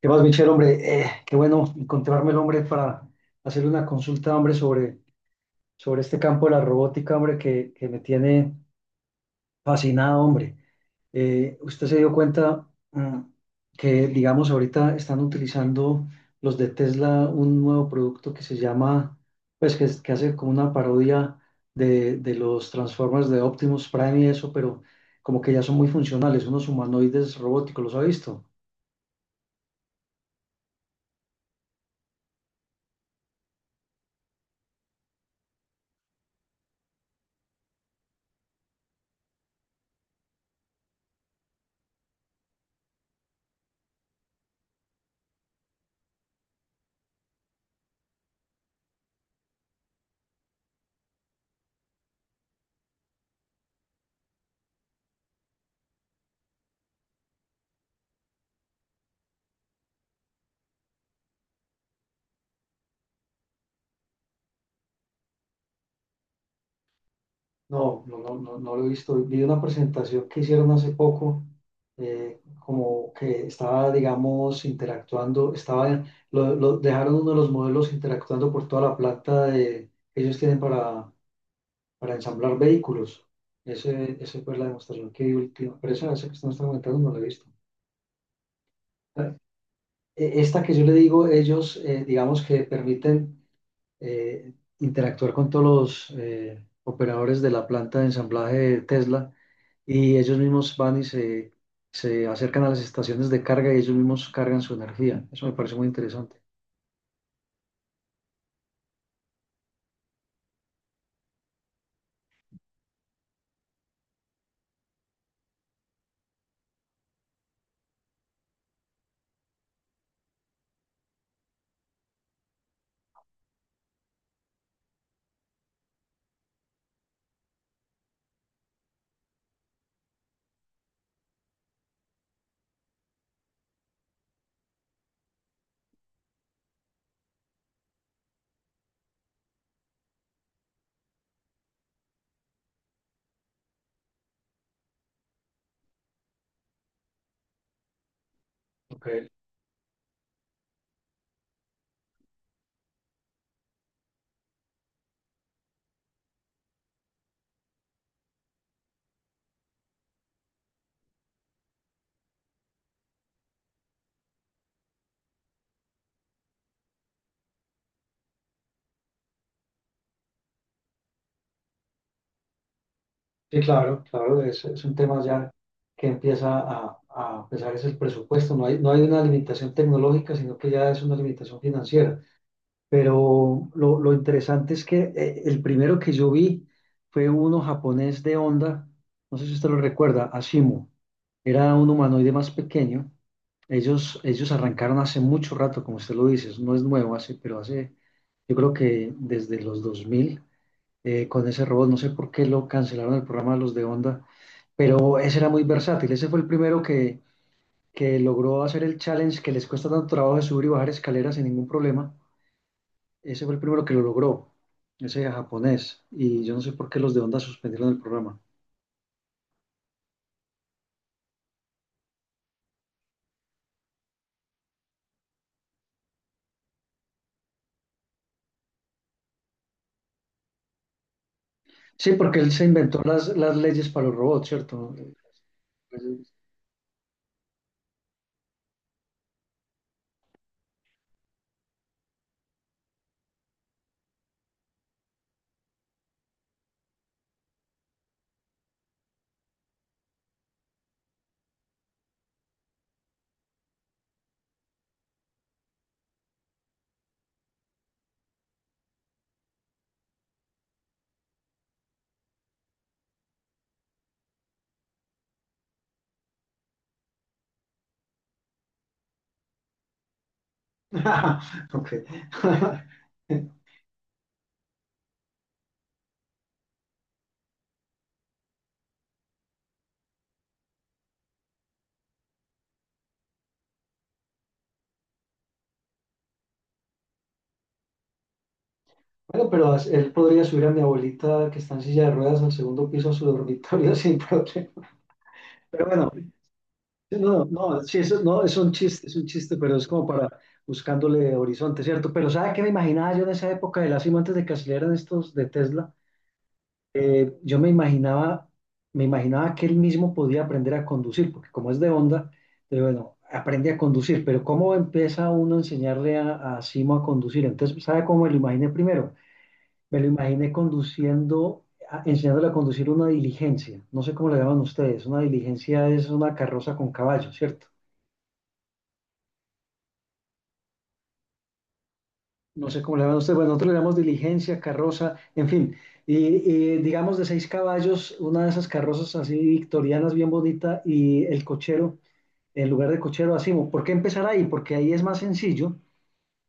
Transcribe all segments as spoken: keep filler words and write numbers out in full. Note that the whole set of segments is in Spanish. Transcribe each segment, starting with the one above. ¿Qué más, Michelle, hombre? Eh, qué bueno encontrarme el hombre para hacerle una consulta, hombre, sobre, sobre este campo de la robótica, hombre, que, que me tiene fascinado, hombre. Eh, usted se dio cuenta mm, que, digamos, ahorita están utilizando los de Tesla un nuevo producto que se llama, pues, que, es- que hace como una parodia de, de los Transformers de Optimus Prime y eso, pero como que ya son muy funcionales, unos humanoides robóticos, ¿los ha visto? No, no, no, no, no lo he visto. Vi una presentación que hicieron hace poco. Eh, como que estaba, digamos, interactuando, estaba, lo, lo- dejaron uno de los modelos interactuando por toda la planta de, que ellos tienen para, para ensamblar vehículos. Ese, esa fue la demostración que vi última, pero esa, esa que usted me está comentando no la he visto. Eh, Esta que yo le digo, ellos, eh, digamos que permiten eh, interactuar con todos los eh, operadores de la planta de ensamblaje de Tesla y ellos mismos van y se, se acercan a las estaciones de carga y ellos mismos cargan su energía. Eso me parece muy interesante. Ok. Sí, claro, claro, es, es un tema ya que empieza a, a pesar es el presupuesto. No hay, no hay una limitación tecnológica, sino que ya es una limitación financiera. Pero lo, lo interesante es que eh, el primero que yo vi fue uno japonés de Honda, no sé si usted lo recuerda, Ashimo. Era un humanoide más pequeño. Ellos, ellos arrancaron hace mucho rato, como usted lo dice, eso no es nuevo, hace, pero hace, yo creo que desde los dos mil, eh, con ese robot, no sé por qué lo cancelaron el programa de los de Honda, pero ese era muy versátil, ese fue el primero que, que logró hacer el challenge que les cuesta tanto trabajo de subir y bajar escaleras sin ningún problema. Ese fue el primero que lo logró, ese japonés. Y yo no sé por qué los de Honda suspendieron el programa. Sí, porque él se inventó las, las leyes para los robots, ¿cierto? Ok. Bueno, pero as- él podría subir a mi abuelita que está en silla de ruedas al segundo piso a su dormitorio sin problema. Pero bueno, no, no, sí, eso no, es un chiste, es un chiste, pero es como para buscándole horizonte, ¿cierto? Pero ¿sabe qué me imaginaba yo en esa época de la cima antes de que salieran estos de Tesla? Eh, yo me imaginaba, me imaginaba que él mismo podía aprender a conducir, porque como es de onda, eh, bueno, aprende a conducir, pero ¿cómo empieza uno a enseñarle a, a Simo a conducir? Entonces, ¿sabe cómo me lo imaginé primero? Me lo imaginé conduciendo, a- enseñándole a conducir una diligencia, no sé cómo le llaman ustedes, una diligencia es una carroza con caballo, ¿cierto? No sé cómo le llaman ustedes, bueno, nosotros le llamamos diligencia, carroza, en fin, y, y digamos de seis caballos, una de esas carrozas así victorianas, bien bonita, y el cochero, en lugar de cochero, así, ¿por qué empezar ahí? Porque ahí es más sencillo,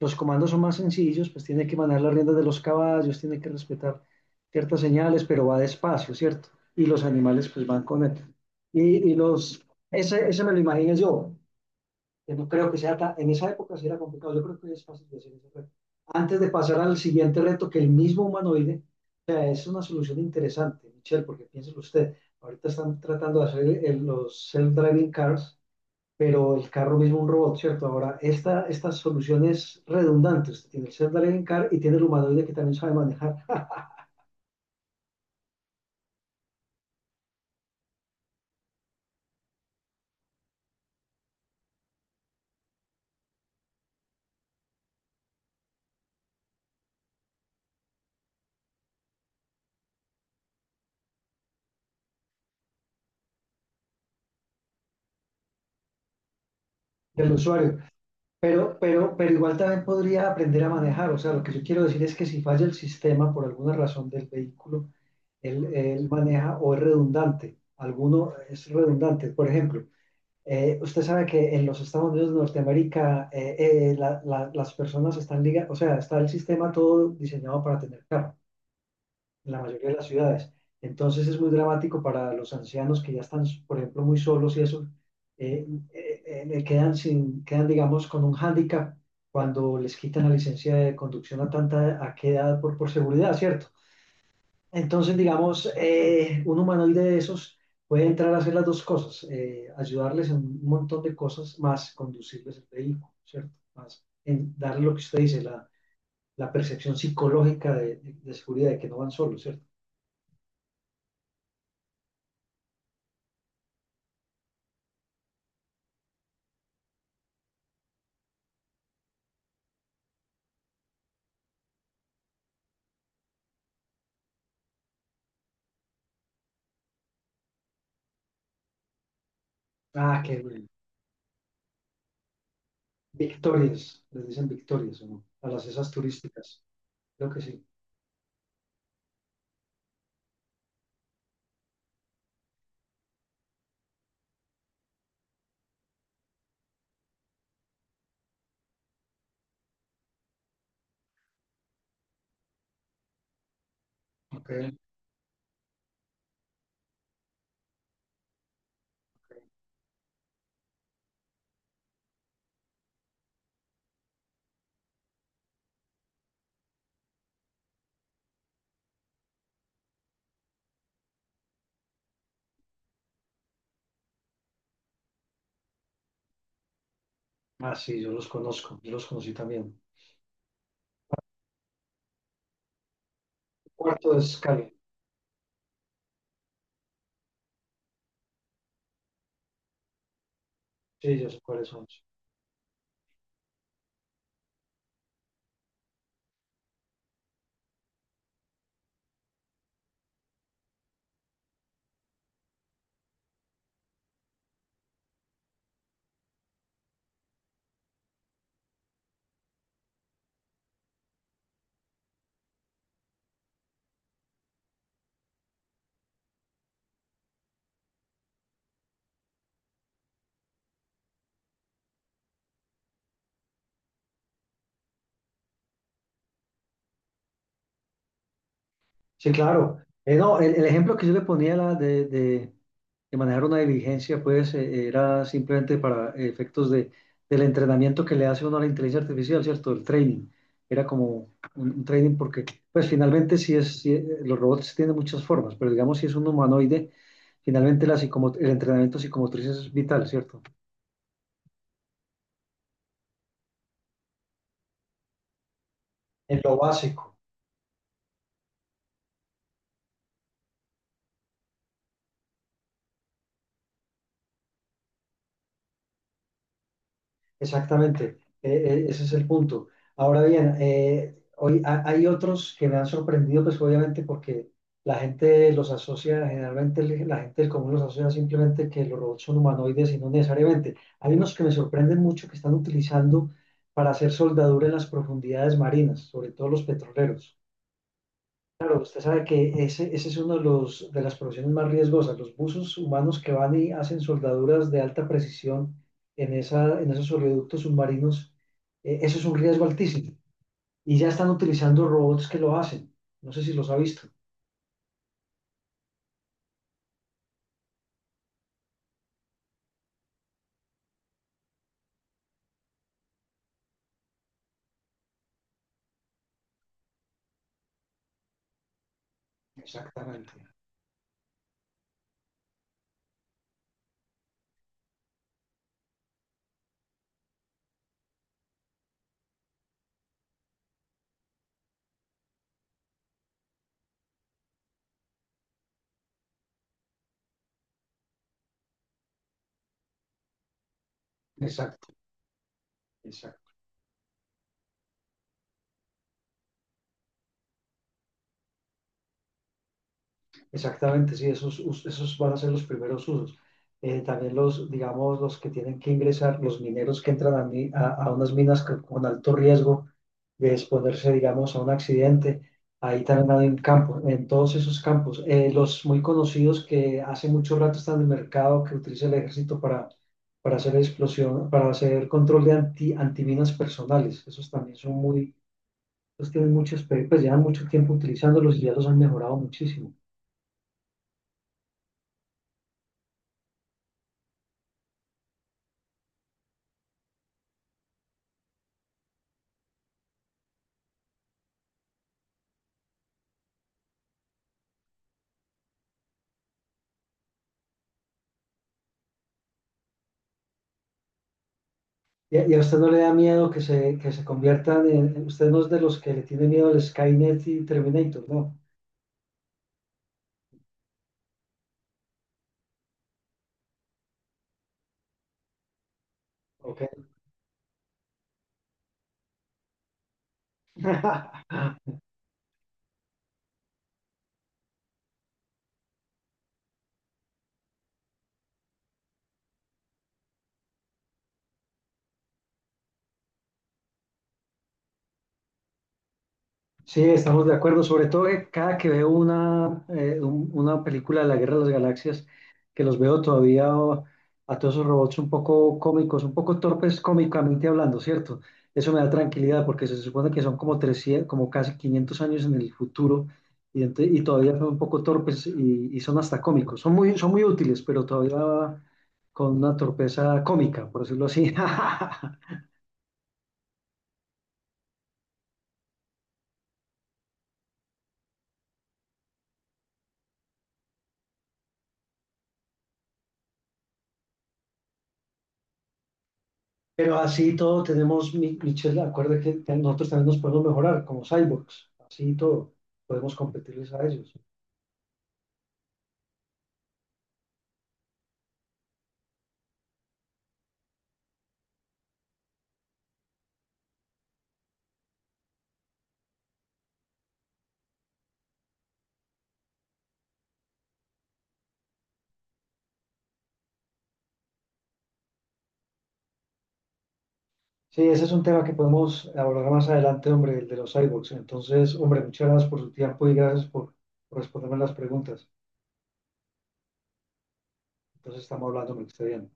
los comandos son más sencillos, pues tiene que manejar las riendas de los caballos, tiene que respetar ciertas señales, pero va despacio, ¿cierto? Y los animales pues van con él. Y, y los, ese, ese me lo imagino yo, que no creo que sea tan, en esa época sí era complicado, yo creo que es fácil de hacer ese reto. Antes de pasar al siguiente reto, que el mismo humanoide, o sea, es una solución interesante, Michelle, porque piénselo usted, ahorita están tratando de hacer el- los self-driving cars, pero el carro mismo un robot, ¿cierto? Ahora, esta, esta solución es redundante, usted tiene el self-driving car y tiene el humanoide que también sabe manejar. El usuario, pero, pero, pero igual también podría aprender a manejar, o sea, lo que yo quiero decir es que si falla el sistema por alguna razón del vehículo, Él, él maneja o es redundante. Alguno es redundante. Por ejemplo, eh, usted sabe que en los Estados Unidos de Norteamérica eh, eh, la- la- las personas están ligadas, o sea, está el sistema todo diseñado para tener carro en la mayoría de las ciudades. Entonces es muy dramático para los ancianos que ya están, por ejemplo, muy solos y eso, eh, eh, eh, le quedan sin, quedan, digamos, con un hándicap cuando les quitan la licencia de conducción a tanta, a qué edad por, por seguridad, ¿cierto? Entonces, digamos, eh, un humanoide de esos puede entrar a hacer las dos cosas, eh, ayudarles en un montón de cosas, más conducirles el vehículo, ¿cierto? Más en darle lo que usted dice, la, la percepción psicológica de, de- de seguridad, de que no van solos, ¿cierto? Ah, que Mm, victorias, les dicen victorias, ¿o no? A las esas turísticas, creo que sí. Ok, ok. Ah, sí, yo los conozco, yo los conocí también. Cuarto de escala, sí, yo sé cuáles son. Sí, claro. Eh, no, el, el ejemplo que yo le ponía la de, de- de manejar una diligencia, pues eh, era simplemente para efectos de, del entrenamiento que le hace uno a la inteligencia artificial, ¿cierto? El training. Era como un, un training porque, pues finalmente sí es, sí, eh, los robots tienen muchas formas, pero digamos si es un humanoide, finalmente la psicomo- el entrenamiento psicomotriz es vital, ¿cierto? En lo básico. Exactamente, eh, eh, ese es el punto. Ahora bien, eh, hoy ha- hay otros que me han sorprendido, pues obviamente porque la gente los asocia, generalmente el- la gente del común los asocia simplemente que los robots son humanoides y no necesariamente. Hay unos que me sorprenden mucho que están utilizando para hacer soldadura en las profundidades marinas, sobre todo los petroleros. Pero usted sabe que ese, ese es uno de los, de las profesiones más riesgosas, los buzos humanos que van y hacen soldaduras de alta precisión en, esa, en esos oleoductos submarinos, eh, eso es un riesgo altísimo. Y ya están utilizando robots que lo hacen. No sé si los ha visto. Exactamente. Exacto. Exacto. Exactamente, sí, esos, us- esos van a ser los primeros usos. Eh, también los, digamos, los que tienen que ingresar, los mineros que entran a, mi- a, a unas minas con con alto riesgo de exponerse, digamos, a un accidente, ahí también hay un campo, en todos esos campos. Eh, los muy conocidos que hace mucho rato están en el mercado, que utiliza el ejército para, para hacer explosión, para hacer control de anti, antiminas personales, esos también son muy, esos tienen muchos, pues llevan mucho tiempo utilizándolos y ya los han mejorado muchísimo. ¿Y a, y a usted no le da miedo que se, que se conviertan en... Usted no es de los que le tiene miedo al Skynet y Terminator, ¿no? Ok. Sí, estamos de acuerdo, sobre todo que cada que veo una, eh, un- una película de la Guerra de las Galaxias, que los veo todavía o- a todos esos robots un poco cómicos, un poco torpes cómicamente hablando, ¿cierto? Eso me da tranquilidad porque se supone que son como trescientos, como casi quinientos años en el futuro y, ente- y todavía son un poco torpes y, y son hasta cómicos. Son muy, son muy útiles, pero todavía con una torpeza cómica, por decirlo así. Pero así todo tenemos, Mi- Michelle, acuerda que que nosotros también nos podemos mejorar como cyborgs, así todo, podemos competirles a ellos. Sí, ese es un tema que podemos abordar más adelante, hombre, el de los cyborgs. Entonces, hombre, muchas gracias por su tiempo y gracias por, por responderme las preguntas. Entonces, estamos hablando, hombre, que esté bien.